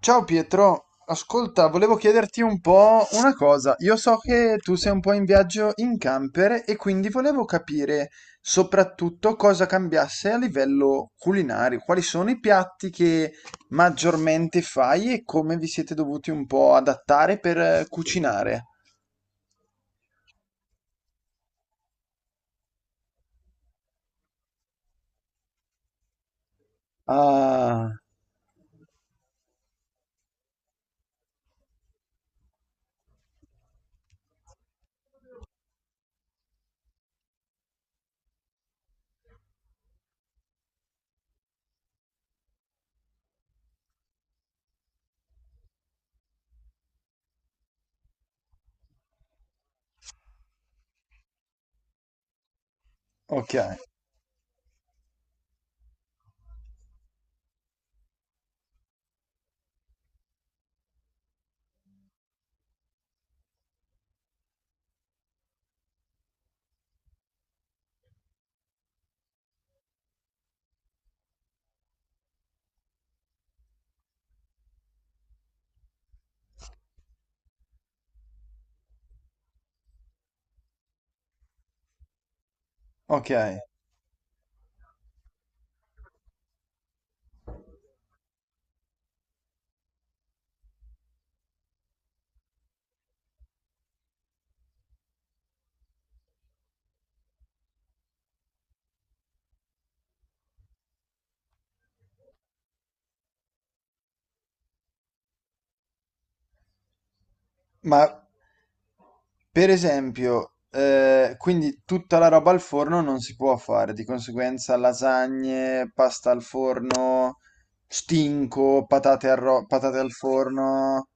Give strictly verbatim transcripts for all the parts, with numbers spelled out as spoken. Ciao Pietro, ascolta, volevo chiederti un po' una cosa. Io so che tu sei un po' in viaggio in camper e quindi volevo capire soprattutto cosa cambiasse a livello culinario, quali sono i piatti che maggiormente fai e come vi siete dovuti un po' adattare per eh, cucinare. Ah, ok, ok. Ma per esempio, eh, quindi tutta la roba al forno non si può fare, di conseguenza lasagne, pasta al forno, stinco, patate al, ro- patate al forno.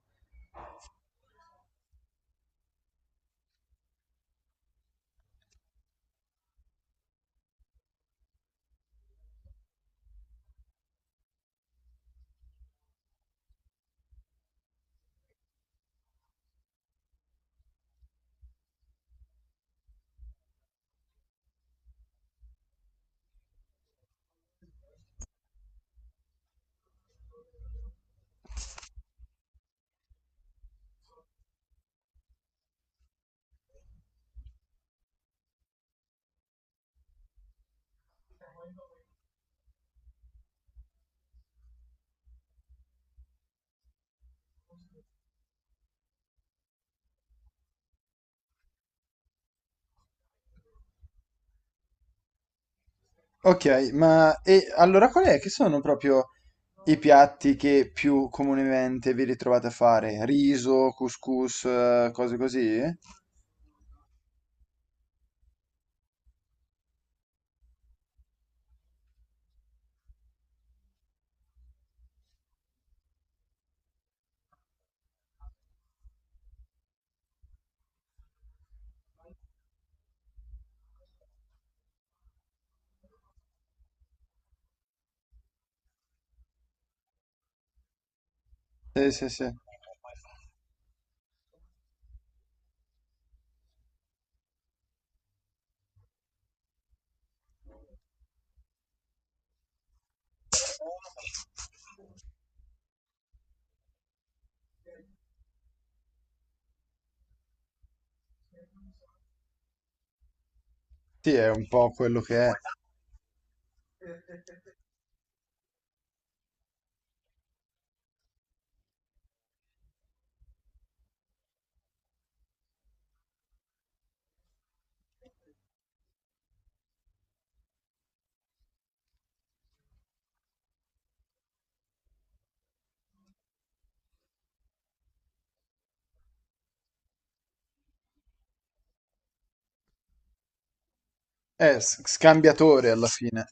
Ok, ma e allora qual è che sono proprio i piatti che più comunemente vi ritrovate a fare? Riso, couscous, eh, cose così? Sì, sì, sì. Sì, è un po' quello che è. Eh, s- scambiatore alla fine.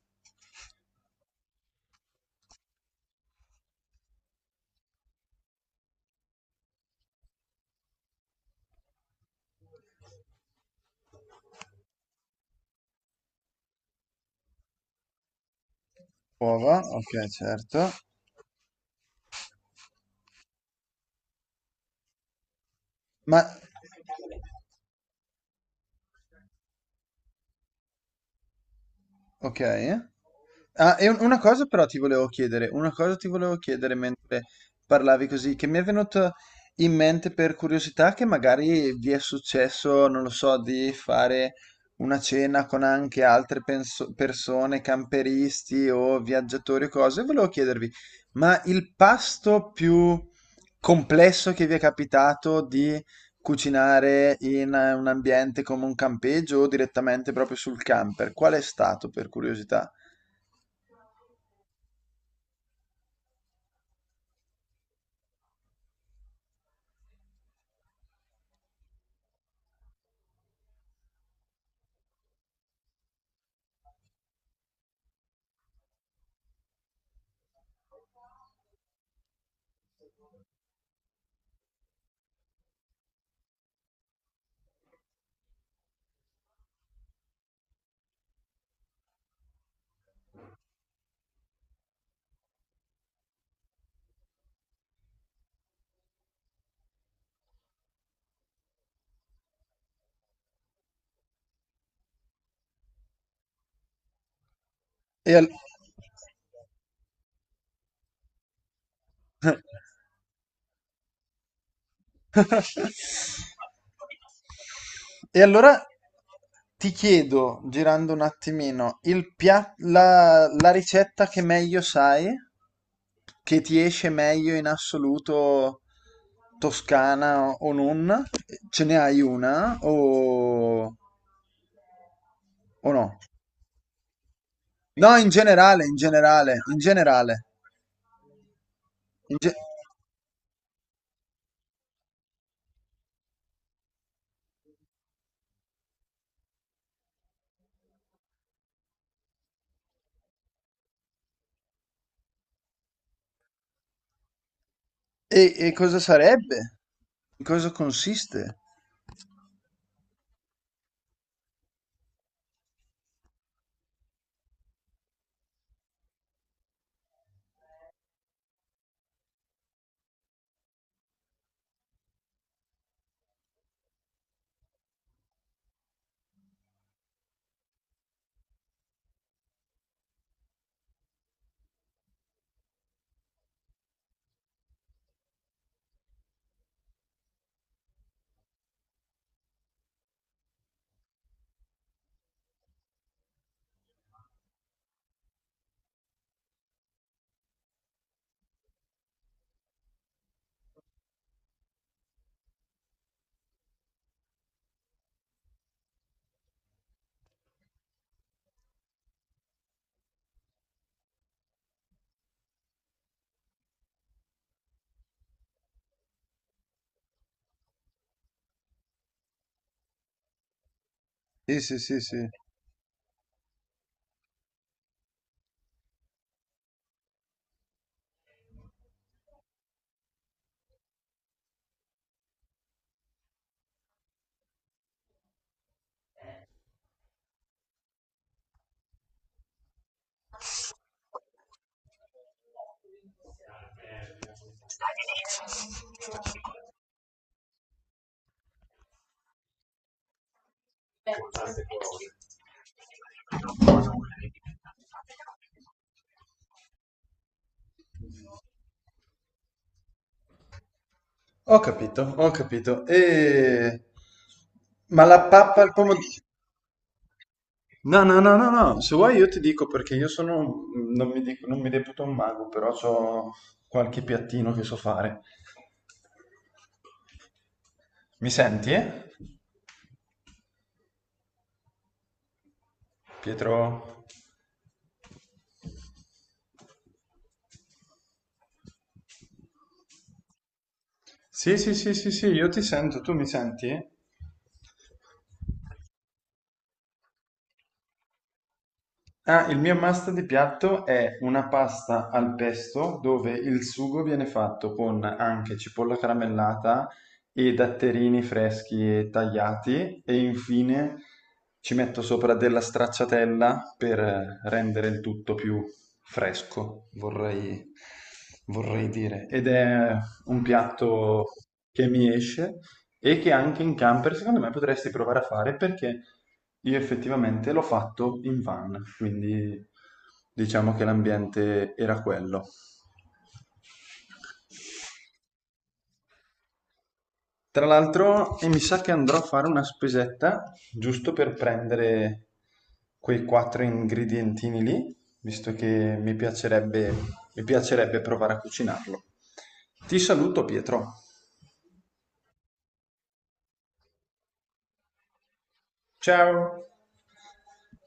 Uova, ok, certo. Ma, ok. Ah, e un- una cosa però ti volevo chiedere, una cosa ti volevo chiedere mentre parlavi così, che mi è venuto in mente per curiosità che magari vi è successo, non lo so, di fare una cena con anche altre penso- persone, camperisti o viaggiatori o cose. Volevo chiedervi, ma il pasto più complesso che vi è capitato di cucinare in eh, un ambiente come un campeggio o direttamente proprio sul camper? Qual è stato, per curiosità? E, al- E allora ti chiedo, girando un attimino, il pia- la, la ricetta che meglio sai, che ti esce meglio in assoluto toscana o non? Ce ne hai una o, o no? No, in generale, in generale, in generale. In ge- e, e cosa sarebbe? In cosa consiste? Sì, sì, sì, sì. Ho capito, ho capito. E... Ma la pappa al pomodoro... No, no, no, no, no. Se vuoi io ti dico perché io sono... Non mi, dico- non mi reputo un mago, però ho qualche piattino che so fare. Mi senti, eh? Pietro? Sì, sì, sì, sì, sì, io ti sento, tu mi senti? Ah, il mio must di piatto è una pasta al pesto dove il sugo viene fatto con anche cipolla caramellata e datterini freschi e tagliati e infine ci metto sopra della stracciatella per rendere il tutto più fresco, vorrei, vorrei dire. Ed è un piatto che mi esce e che anche in camper secondo me potresti provare a fare perché io effettivamente l'ho fatto in van, quindi diciamo che l'ambiente era quello. Tra l'altro, e mi sa che andrò a fare una spesetta giusto per prendere quei quattro ingredientini lì, visto che mi piacerebbe, mi piacerebbe provare a cucinarlo. Ti saluto, Pietro. Ciao!